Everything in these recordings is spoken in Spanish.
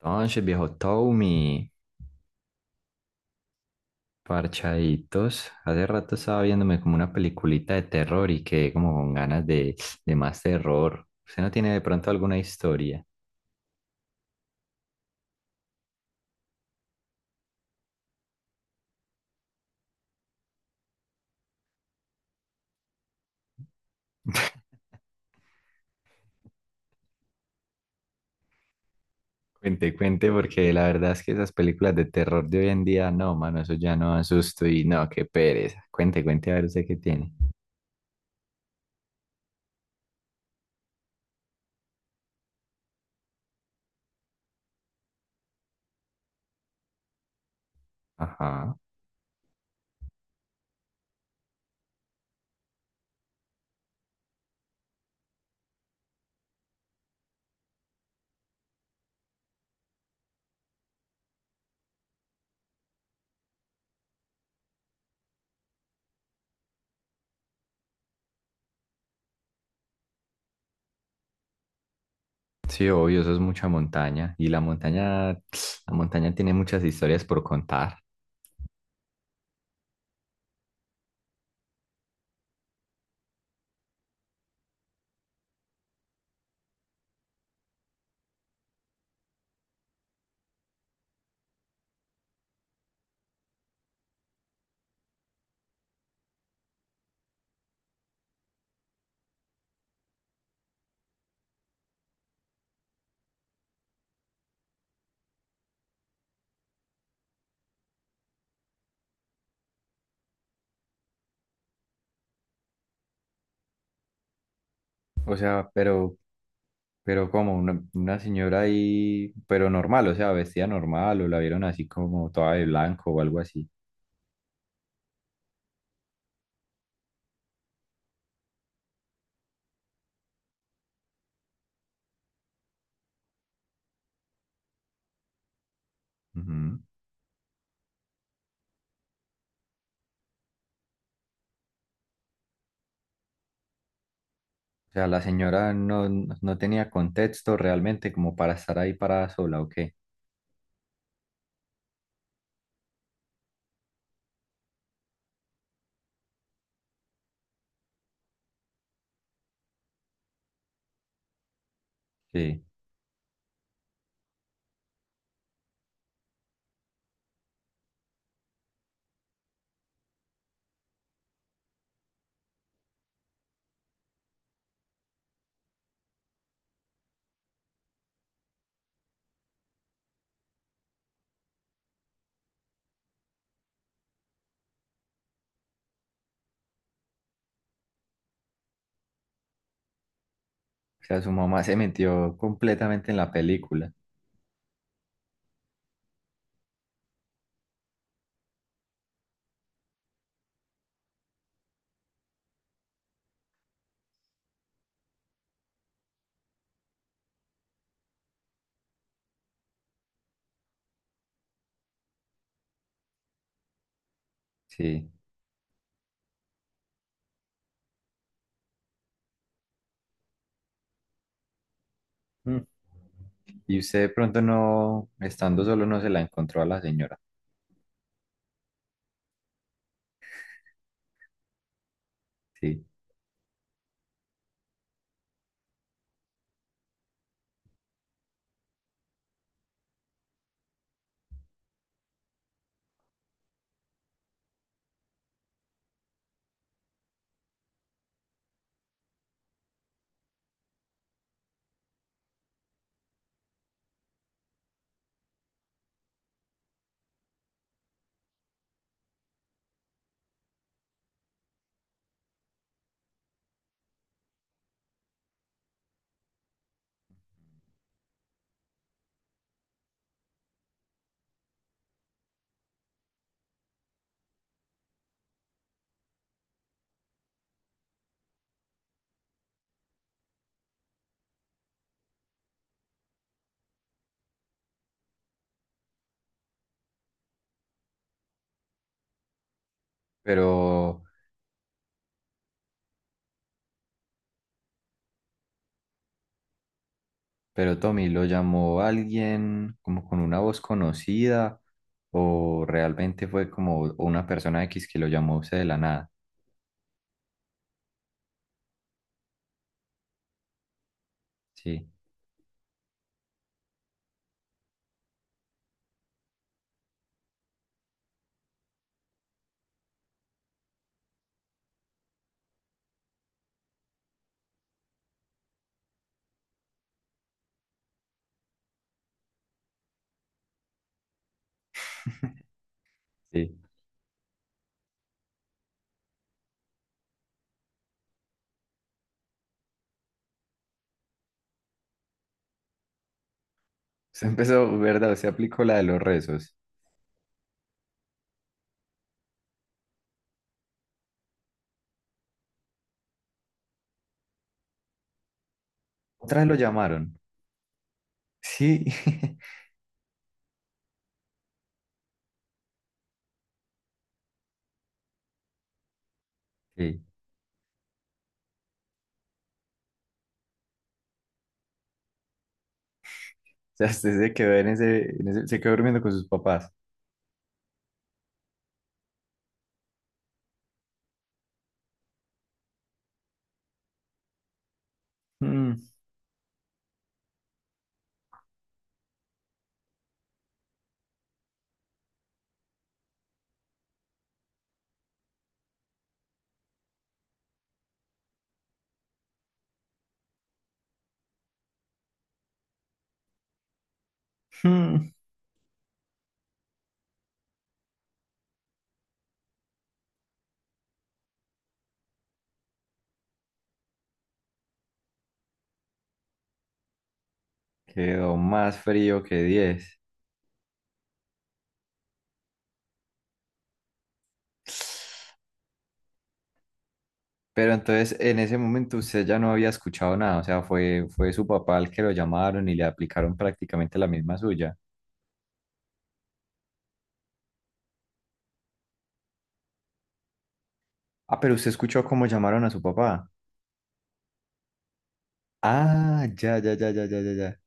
Entonces, viejo Tommy, parchaditos. Hace rato estaba viéndome como una peliculita de terror y quedé como con ganas de más terror. ¿Usted no tiene de pronto alguna historia? Cuente, cuente, porque la verdad es que esas películas de terror de hoy en día, no, mano, eso ya no da susto y no, qué pereza. Cuente, cuente a ver usted qué tiene. Ajá. Sí, obvio, eso es mucha montaña. Y la montaña, la montaña tiene muchas historias por contar. O sea, pero... Pero como una señora ahí, pero normal, o sea, vestida normal, o la vieron así como toda de blanco o algo así. Ujú. O sea, la señora no tenía contexto realmente como para estar ahí parada sola, ¿o qué? Sí. O sea, su mamá se metió completamente en la película. Sí. Mm. Y usted de pronto no, estando solo, no se la encontró a la señora. Sí. Pero... Tommy, ¿lo llamó alguien como con una voz conocida o realmente fue como una persona X que lo llamó a usted de la nada? Sí, sí. Usted empezó, ¿verdad? Usted aplicó la de los rezos. ¿Otra vez lo llamaron? Sí. Sí. O sea, usted se quedó en se quedó durmiendo con sus papás. Mm, mm. Quedó más frío que diez... Pero entonces en ese momento usted ya no había escuchado nada, o sea, fue su papá el que lo llamaron y le aplicaron prácticamente la misma suya. Ah, pero usted escuchó cómo llamaron a su papá. Ah, ya, ya, ya, ya, ya, ya, ya.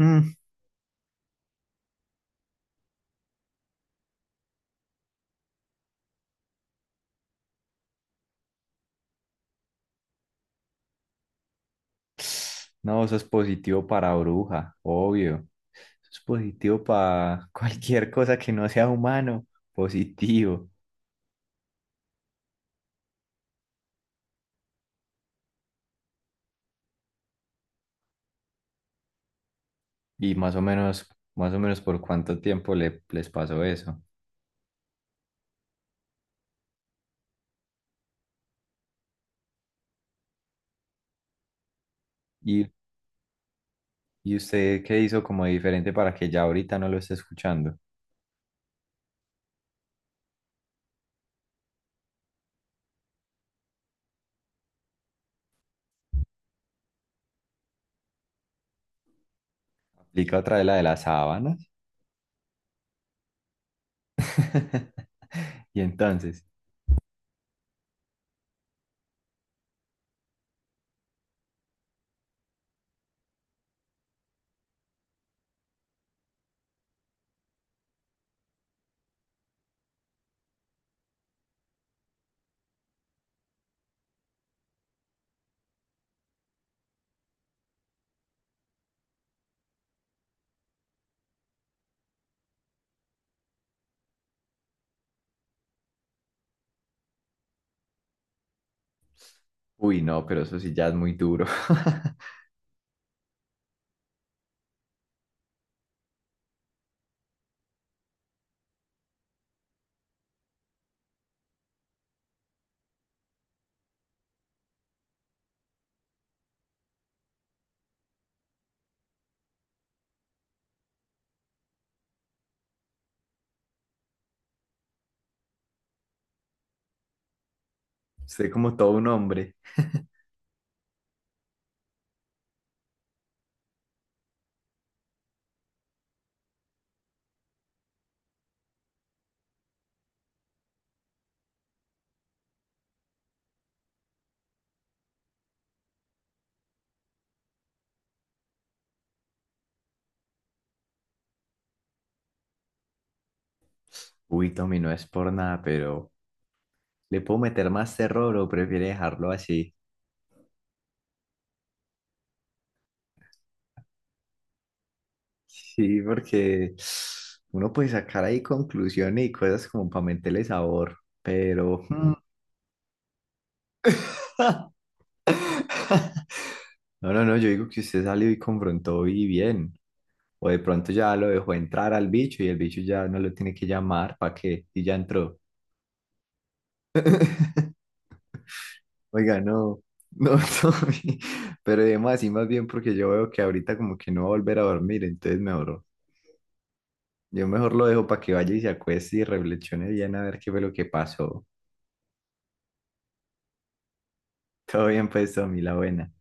Mm. No, eso es positivo para bruja, obvio. Eso es positivo para cualquier cosa que no sea humano, positivo. Y más o menos por cuánto tiempo les pasó eso. ¿Y y usted qué hizo como diferente para que ya ahorita no lo esté escuchando? Explica otra vez la de las sábanas. Y entonces, uy, no, pero eso sí ya es muy duro. Usted como todo un hombre. Uy, Tommy, no es por nada, pero ¿le puedo meter más terror o prefiere dejarlo así? Sí, porque uno puede sacar ahí conclusiones y cosas como para meterle sabor, pero... mm, No, no, no, yo digo que usted salió y confrontó y bien. O de pronto ya lo dejó entrar al bicho y el bicho ya no lo tiene que llamar para que... y ya entró. Oiga, no, no, Tommy, pero además así más bien porque yo veo que ahorita como que no va a volver a dormir, entonces mejor, yo mejor lo dejo para que vaya y se acueste y reflexione bien a ver qué fue lo que pasó. Todo bien pues, Tommy, la buena.